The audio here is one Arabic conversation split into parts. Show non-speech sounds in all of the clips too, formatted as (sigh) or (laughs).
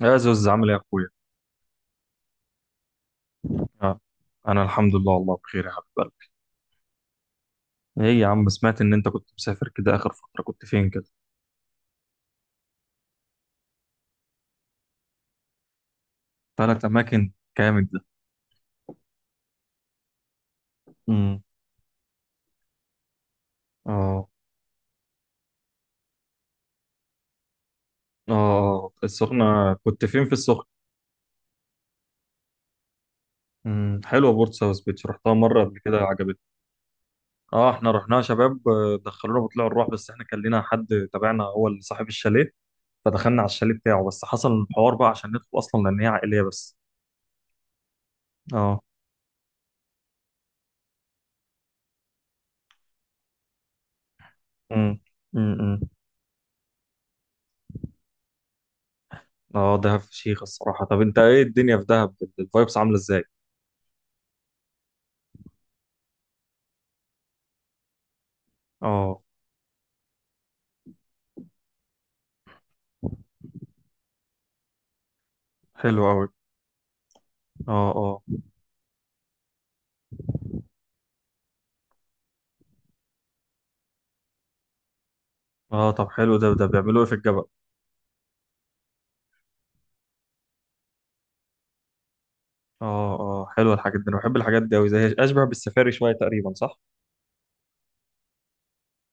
يا زوز، عامل ايه يا اخويا؟ آه. انا الحمد لله، والله بخير يا حبيب قلبي. ايه يا عم، سمعت ان انت كنت مسافر كده، اخر فترة كنت فين كده؟ ثلاث اماكن، جامد ده. امم. اه. اه. السخنة، كنت فين في السخنة؟ امم، حلوة بورت ساوث بيتش، رحتها مرة قبل كده، عجبتني. اه احنا رحناها شباب، دخلونا بطلوع الروح، بس احنا كان لنا حد تابعنا، هو اللي صاحب الشاليه، فدخلنا على الشاليه بتاعه، بس حصل الحوار بقى عشان ندخل اصلا، لان هي عائلية بس. اه. امم. امم. اه. دهب فشيخ الصراحة. طب انت ايه الدنيا في دهب، الفايبس عاملة ازاي؟ اه. حلو قوي. اه. اه. اه طب حلو، ده بيعملوا ايه في الجبل؟ اه. اه. حلوة الحاجات دي، انا بحب الحاجات دي قوي، زي اشبه بالسفاري شوية تقريبا، صح؟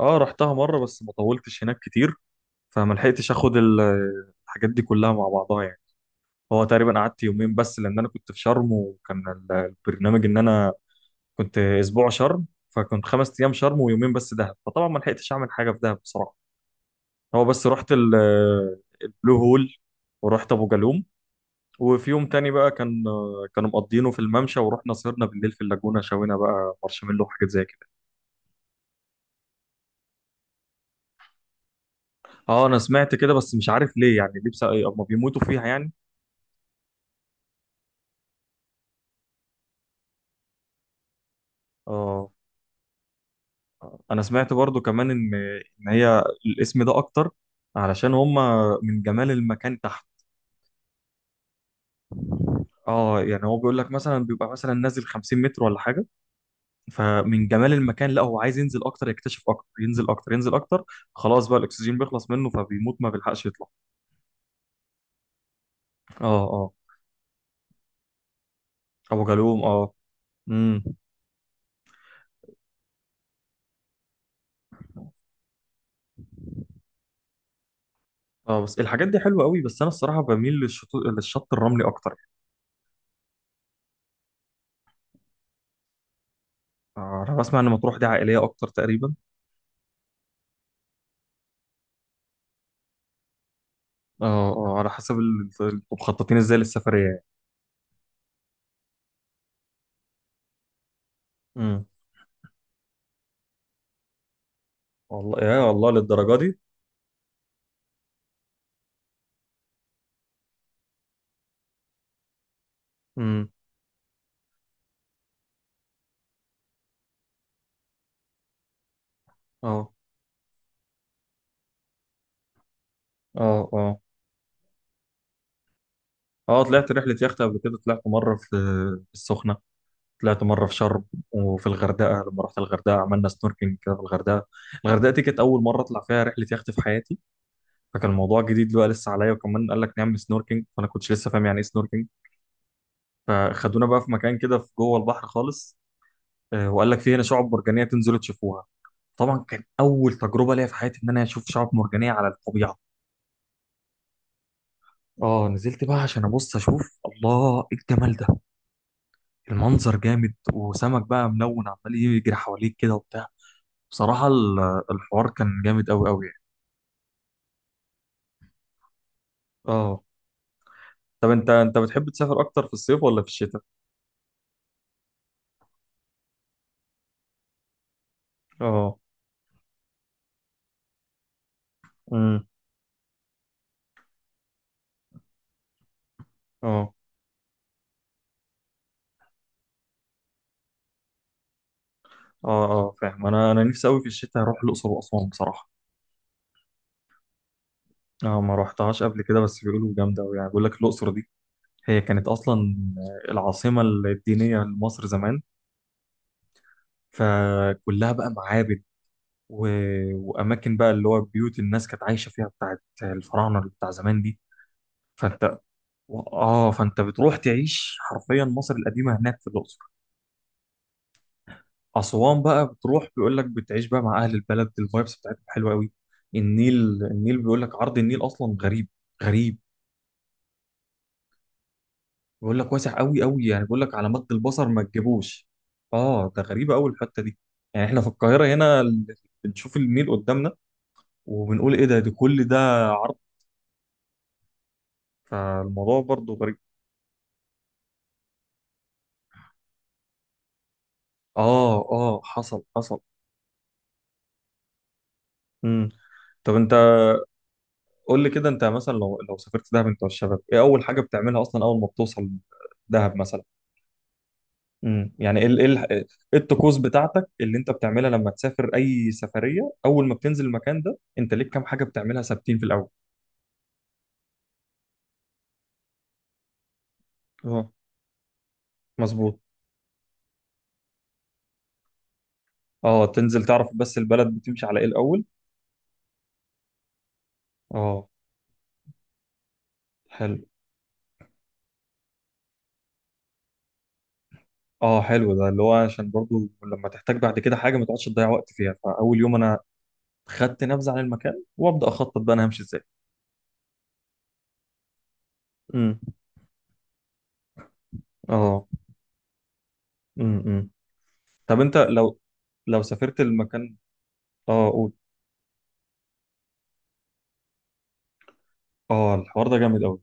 اه رحتها مرة بس ما طولتش هناك كتير، فما لحقتش اخد الحاجات دي كلها مع بعضها يعني. هو تقريبا قعدت يومين بس، لان انا كنت في شرم وكان البرنامج ان انا كنت اسبوع شرم، فكنت خمس ايام شرم ويومين بس دهب، فطبعا ما لحقتش اعمل حاجة في دهب بصراحة. هو بس رحت البلو هول، ورحت ابو جالوم، وفي يوم تاني بقى كانوا مقضينه في الممشى، ورحنا سهرنا بالليل في اللاجونة، شوينا بقى مارشميلو وحاجات زي كده. اه انا سمعت كده، بس مش عارف ليه يعني، ليه بس اما بيموتوا فيها يعني؟ اه انا سمعت برضو كمان ان هي الاسم ده اكتر علشان هم من جمال المكان تحت. اه يعني هو بيقول لك مثلا بيبقى مثلا نازل 50 متر ولا حاجة، فمن جمال المكان لا هو عايز ينزل اكتر، يكتشف اكتر، ينزل اكتر ينزل اكتر، خلاص بقى الاكسجين بيخلص منه فبيموت، ما بيلحقش يطلع. اه. اه. ابو جالوم، اه. امم. اه بس الحاجات دي حلوه قوي، بس انا الصراحه بميل للشط الرملي اكتر. آه انا بسمع ان مطروح دي عائليه اكتر تقريبا. اه. اه على حسب انتوا مخططين ازاي للسفريه يعني. امم. والله يا والله للدرجه دي؟ امم. اه. اه. اه. اه طلعت رحله يخت قبل كده، طلعت مره في السخنه، طلعت مرة في شرم، وفي الغردقة لما رحت الغردقة عملنا سنوركينج كده في الغردقة. الغردقة دي كانت أول مرة أطلع فيها رحلة يخت في حياتي، فكان الموضوع جديد بقى لسه عليا، وكمان قال لك نعمل سنوركينج، فأنا كنتش لسه فاهم يعني إيه سنوركينج، فخدونا بقى في مكان كده في جوه البحر خالص، وقال لك في هنا شعاب مرجانية تنزلوا تشوفوها. طبعا كان أول تجربة ليا في حياتي إن أنا أشوف شعاب مرجانية على الطبيعة. اه نزلت بقى عشان ابص اشوف، الله ايه الجمال ده، المنظر جامد، وسمك بقى ملون عمال يجري حواليك كده وبتاع. بصراحة الحوار كان جامد أوي أوي يعني. اه طب أنت بتحب تسافر أكتر في الصيف ولا في الشتاء؟ اه. امم. اه. أه. أه فاهم، أنا نفسي أوي في الشتاء أروح الأقصر وأسوان بصراحة. أه ما رحتهاش قبل كده، بس بيقولوا جامدة أوي يعني، بيقول لك الأقصر دي هي كانت أصلا العاصمة الدينية لمصر زمان، فكلها بقى معابد و... وأماكن بقى اللي هو بيوت الناس كانت عايشة فيها بتاعت الفراعنة اللي بتاع زمان دي. فأنت فأنت بتروح تعيش حرفيا مصر القديمة هناك في الأقصر. أسوان بقى بتروح بيقول لك بتعيش بقى مع أهل البلد، الفايبس بتاعتهم حلوة قوي. النيل النيل بيقول لك عرض النيل أصلا غريب غريب. بيقول لك واسع قوي قوي يعني، بيقول لك على مد البصر ما تجيبوش. آه ده غريبة قوي الحتة دي. يعني إحنا في القاهرة هنا بنشوف النيل قدامنا، وبنقول إيه ده، ده كل ده عرض. فالموضوع برضه غريب. آه. آه. حصل حصل. امم. طب أنت قول لي كده، أنت مثلا لو سافرت دهب أنت والشباب، إيه أول حاجة بتعملها أصلا أول ما بتوصل دهب مثلا؟ يعني إيه الطقوس بتاعتك اللي انت بتعملها لما تسافر اي سفريه، اول ما بتنزل المكان ده انت ليك كام حاجه بتعملها ثابتين في الاول؟ اه. مظبوط. اه تنزل تعرف بس البلد بتمشي على ايه الاول. اه حلو. اه حلو ده اللي هو عشان برضو لما تحتاج بعد كده حاجه ما تقعدش تضيع وقت فيها، فاول يوم انا خدت نبذه عن المكان وابدا اخطط بقى انا همشي ازاي. امم. اه. امم. طب انت لو سافرت المكان. اه قول. اه الحوار ده جامد قوي.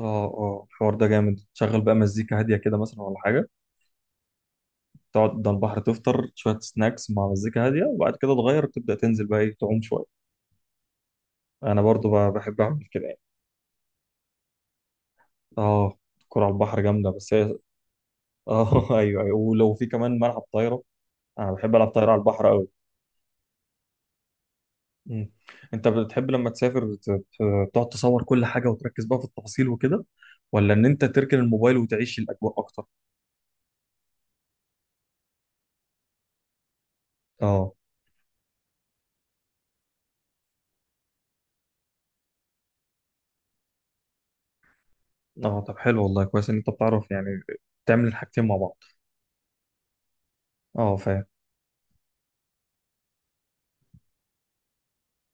اه. اه الحوار ده جامد، تشغل بقى مزيكا هاديه كده مثلا ولا حاجه؟ تقعد قدام البحر، تفطر شويه سناكس مع مزيكا هاديه، وبعد كده تغير تبدا تنزل بقى ايه تعوم شويه. انا برضو بحب اعمل كده يعني. اه الكوره على البحر جامده بس هي. اه. (laughs) ايوه ايوه، ولو في كمان ملعب طايره، انا بحب العب طايره على البحر قوي. مم. انت بتحب لما تسافر تقعد تصور كل حاجه وتركز بقى في التفاصيل وكده، ولا ان انت تركن الموبايل وتعيش الاجواء اكتر؟ اه. اه طب حلو والله، كويس ان انت بتعرف يعني تعمل الحاجتين مع بعض. اه فاهم.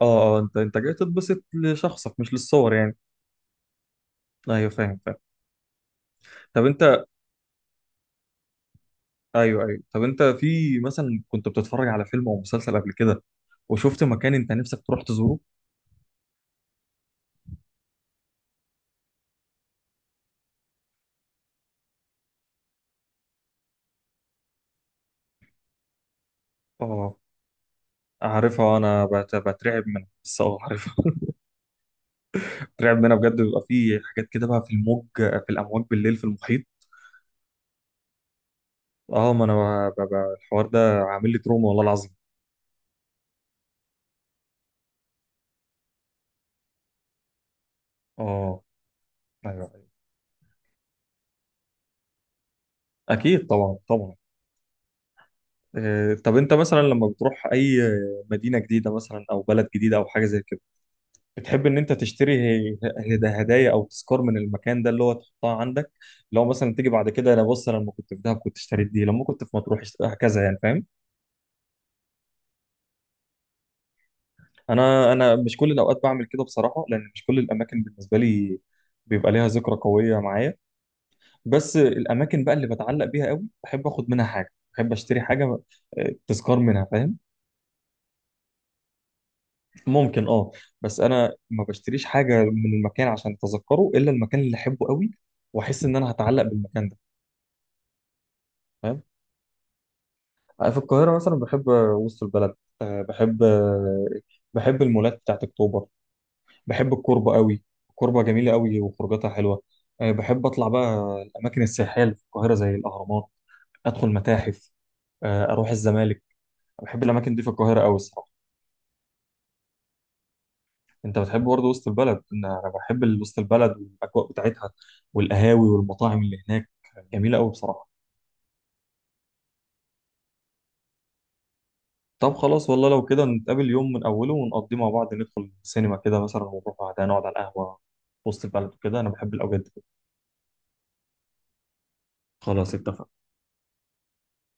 اه. اه انت جاي تتبسط لشخصك مش للصور يعني. ايوه فاهم فاهم. طب انت ايوه ايوه، طب انت في مثلا كنت بتتفرج على فيلم او مسلسل قبل كده وشفت مكان انت نفسك تروح تزوره؟ اه عارفها، انا بترعب منها، بس اه عارفها. (laughs) بترعب منها بجد، بيبقى في حاجات كده بقى في الامواج بالليل في المحيط. اه ما انا الحوار ده عامل لي تروما والله العظيم. اه. ايوه ايوه، اكيد طبعا طبعا. طب انت مثلا لما بتروح اي مدينة جديدة مثلا او بلد جديدة او حاجة زي كده، بتحب ان انت تشتري هدايا او تذكار من المكان ده اللي هو تحطها عندك، لو مثلا تيجي بعد كده انا بص، انا لما كنت في دهب كنت اشتريت دي، لما كنت في مطروح هكذا يعني، فاهم؟ انا مش كل الاوقات بعمل كده بصراحه، لان مش كل الاماكن بالنسبه لي بيبقى ليها ذكرى قويه معايا، بس الاماكن بقى اللي بتعلق بيها قوي بحب اخد منها حاجه، بحب اشتري حاجه، تذكار منها فاهم. ممكن اه، بس انا ما بشتريش حاجه من المكان عشان اتذكره الا المكان اللي احبه قوي واحس ان انا هتعلق بالمكان ده. فاهم. في القاهرة مثلا بحب وسط البلد. بحب. بحب المولات بتاعت أكتوبر، بحب الكوربة قوي، الكوربة جميلة قوي وخروجاتها حلوة. بحب أطلع بقى الأماكن السياحية اللي في القاهرة زي الأهرامات، أدخل متاحف، أروح الزمالك. بحب الأماكن دي في القاهرة قوي الصراحة. أنت بتحب برضه وسط البلد، أنا بحب وسط البلد والأجواء بتاعتها، والقهاوي والمطاعم اللي هناك جميلة قوي بصراحة. طب خلاص والله لو كده نتقابل يوم من أوله ونقضيه مع بعض، ندخل السينما كده مثلا ونروح بعدها نقعد على القهوة في وسط البلد وكده، أنا بحب الأوقات دي. خلاص اتفقنا.